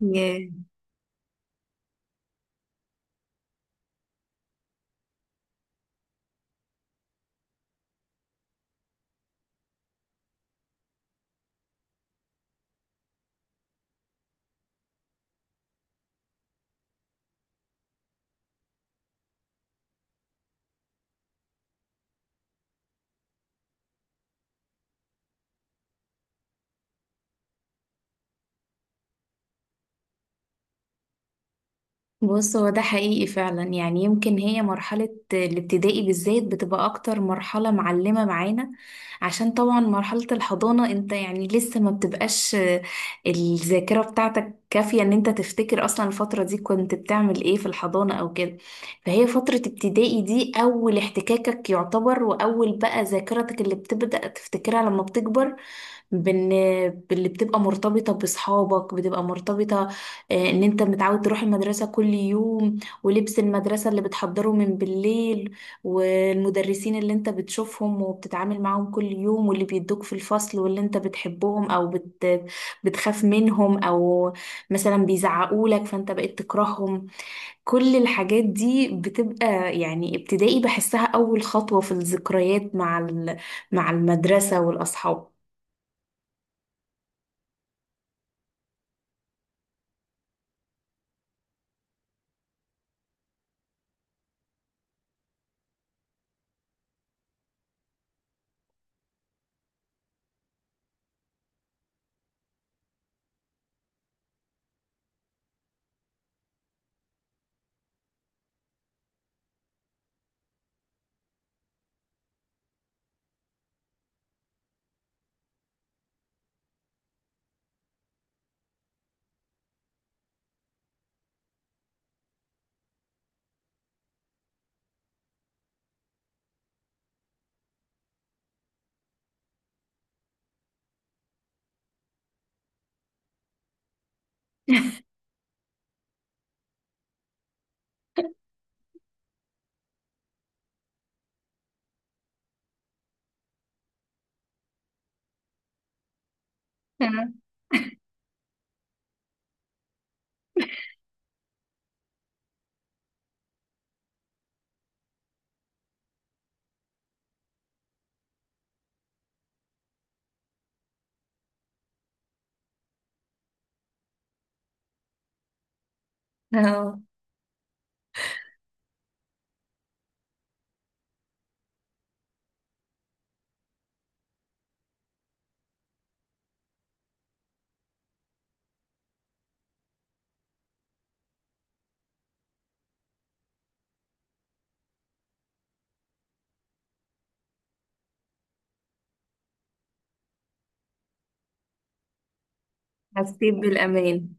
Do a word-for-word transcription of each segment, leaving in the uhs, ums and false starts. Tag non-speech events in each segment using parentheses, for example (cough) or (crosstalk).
ياه. بص، هو ده حقيقي فعلا. يعني يمكن هي مرحلة الابتدائي بالذات بتبقى أكتر مرحلة معلمة معانا، عشان طبعا مرحلة الحضانة انت يعني لسه ما بتبقاش آه، الذاكرة بتاعتك كافية ان انت تفتكر أصلا الفترة دي كنت بتعمل ايه في الحضانة أو كده. فهي فترة ابتدائي دي أول احتكاكك يعتبر، وأول بقى ذاكرتك اللي بتبدأ تفتكرها لما بتكبر. بن... باللي بتبقى مرتبطة بصحابك، بتبقى مرتبطة آه، ان انت متعود تروح المدرسة كل يوم، ولبس المدرسة اللي بتحضره من بالليل، والمدرسين اللي انت بتشوفهم وبتتعامل معاهم كل يوم، واللي بيدوك في الفصل، واللي انت بتحبهم او بت... بتخاف منهم، او مثلا بيزعقولك فانت بقيت تكرههم. كل الحاجات دي بتبقى يعني ابتدائي بحسها اول خطوة في الذكريات مع ال... مع المدرسة والاصحاب. (laughs) اه. حسيت بالامان.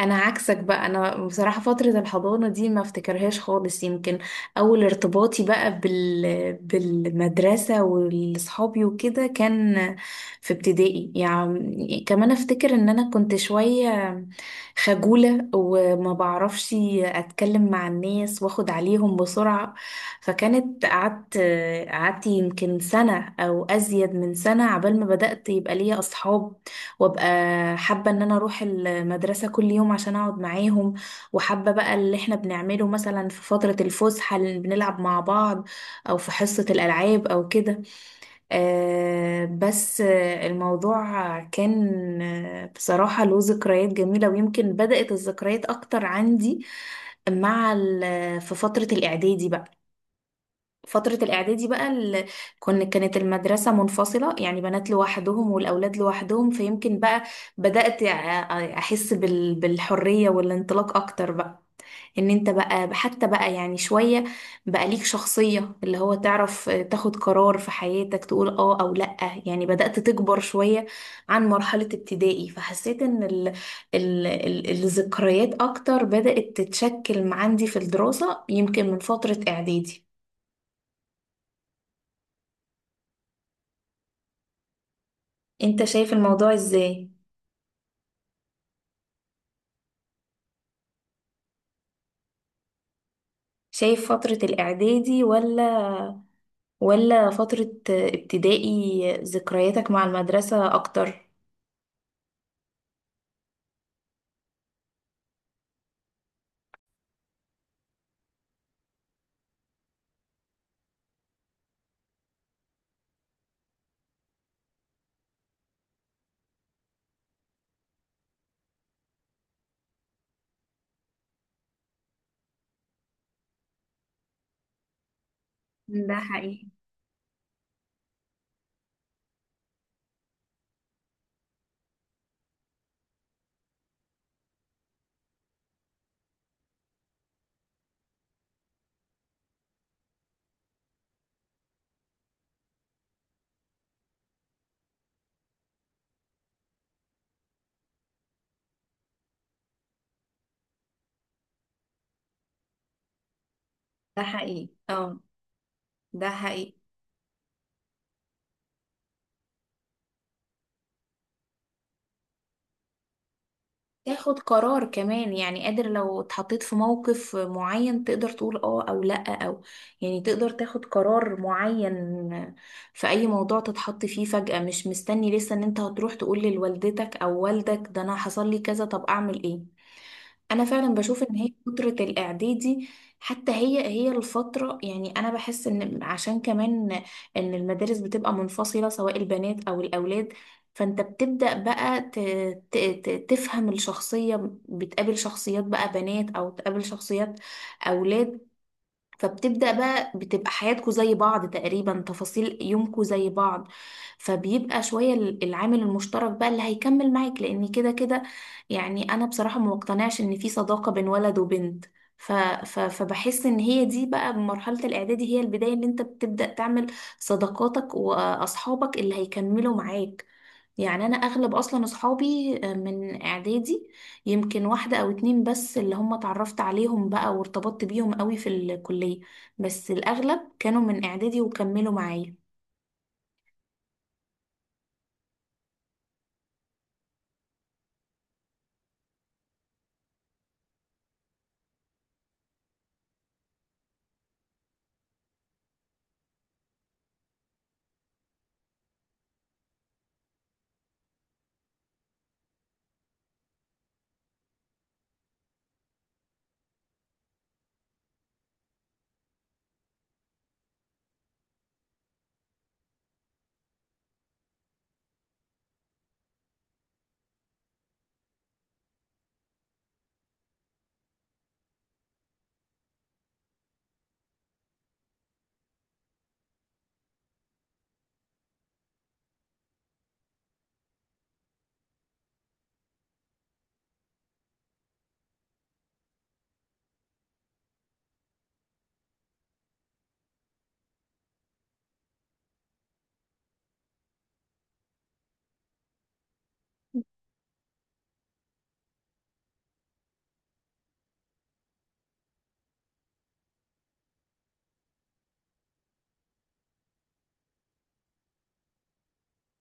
انا عكسك بقى. انا بصراحه فتره الحضانه دي ما افتكرهاش خالص. يمكن اول ارتباطي بقى بال بالمدرسه واصحابي وكده كان في ابتدائي. يعني كمان افتكر ان انا كنت شويه خجوله وما بعرفش اتكلم مع الناس واخد عليهم بسرعه. فكانت قعدت قعدت يمكن سنه او ازيد من سنه عبال ما بدات يبقى ليا اصحاب، وابقى حابة ان انا اروح المدرسة كل يوم عشان اقعد معاهم، وحابة بقى اللي احنا بنعمله مثلا في فترة الفسحة اللي بنلعب مع بعض، او في حصة الالعاب او كده. آه، بس آه، الموضوع كان آه، بصراحة له ذكريات جميلة. ويمكن بدأت الذكريات اكتر عندي مع ال- في فترة الاعدادي بقى. فترة الإعدادي بقى ال... كن كانت المدرسة منفصلة، يعني بنات لوحدهم والأولاد لوحدهم. فيمكن بقى بدأت ع- أحس بال... بالحرية والانطلاق أكتر بقى. إن أنت بقى حتى بقى يعني شوية بقى ليك شخصية، اللي هو تعرف تاخد قرار في حياتك، تقول آه أو لأ. يعني بدأت تكبر شوية عن مرحلة ابتدائي. فحسيت إن ال... ال... ال... الذكريات أكتر بدأت تتشكل عندي في الدراسة يمكن من فترة إعدادي. انت شايف الموضوع ازاي؟ شايف فترة الاعدادي ولا ولا فترة ابتدائي ذكرياتك مع المدرسة اكتر؟ ده حقيقي. ده حقيقي. اه. ده حقيقي. تاخد قرار كمان، يعني قادر لو اتحطيت في موقف معين تقدر تقول اه او لا، او يعني تقدر تاخد قرار معين في اي موضوع تتحط فيه فجأة. مش مستني لسه ان انت هتروح تقول لوالدتك او والدك ده انا حصل لي كذا طب اعمل ايه. انا فعلا بشوف ان هي فترة الاعدادي حتى هي هي الفترة. يعني انا بحس ان عشان كمان ان المدارس بتبقى منفصلة سواء البنات او الاولاد، فانت بتبدأ بقى ت... ت... ت... تفهم الشخصية. بتقابل شخصيات بقى بنات او تقابل شخصيات اولاد. فبتبدأ بقى بتبقى حياتكوا زي بعض تقريبا، تفاصيل يومكوا زي بعض. فبيبقى شوية ال- العامل المشترك بقى اللي هيكمل معاك، لأن كده كده. يعني أنا بصراحة ما مقتنعش إن في صداقة بين ولد وبنت. ف... ف... فبحس إن هي دي بقى بمرحلة الإعدادي هي البداية اللي أنت بتبدأ تعمل صداقاتك وأصحابك اللي هيكملوا معاك. يعني انا اغلب اصلا اصحابي آه، من اعدادي. يمكن واحده او اتنين بس اللي هم اتعرفت عليهم بقى وارتبطت بيهم قوي في الكليه، بس الاغلب كانوا من اعدادي وكملوا معايا.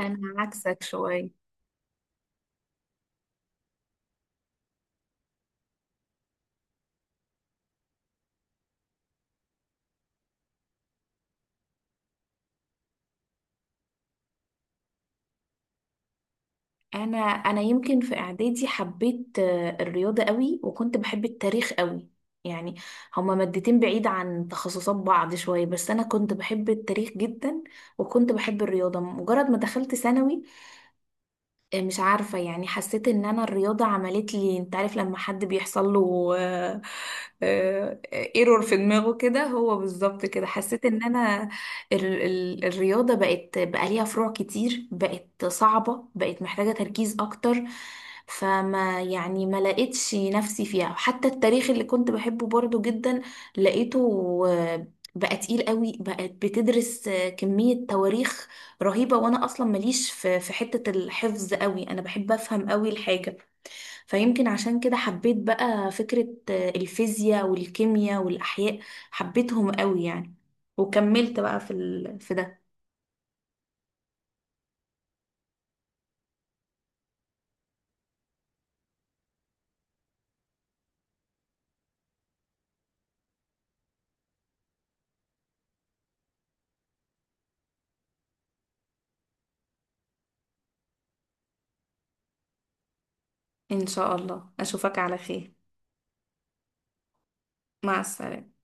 انا عكسك شوية. انا انا يمكن في اعدادي حبيت آه، الرياضه قوي، وكنت بحب التاريخ قوي. يعني هما مادتين بعيد عن تخصصات بعض شويه، بس انا كنت بحب التاريخ جدا، وكنت بحب الرياضه. مجرد ما دخلت ثانوي مش عارفة يعني حسيت ان انا الرياضة عملت لي، انت عارف لما حد بيحصل له ايرور في دماغه كده، هو بالظبط كده حسيت ان انا ال ال الرياضة بقت بقى ليها فروع كتير، بقت صعبة، بقت محتاجة تركيز اكتر. فما يعني ما لقيتش نفسي فيها. حتى التاريخ اللي كنت بحبه برضو جدا لقيته آه، بقى تقيل قوي، بقت بتدرس آه، كمية تواريخ رهيبة. وانا اصلا ماليش في في حتة الحفظ قوي، انا بحب افهم قوي الحاجة. فيمكن عشان كده حبيت بقى فكرة آه، الفيزياء والكيمياء والاحياء، حبيتهم قوي يعني. وكملت بقى في ال... في ده. ان شاء الله اشوفك على خير. مع السلامة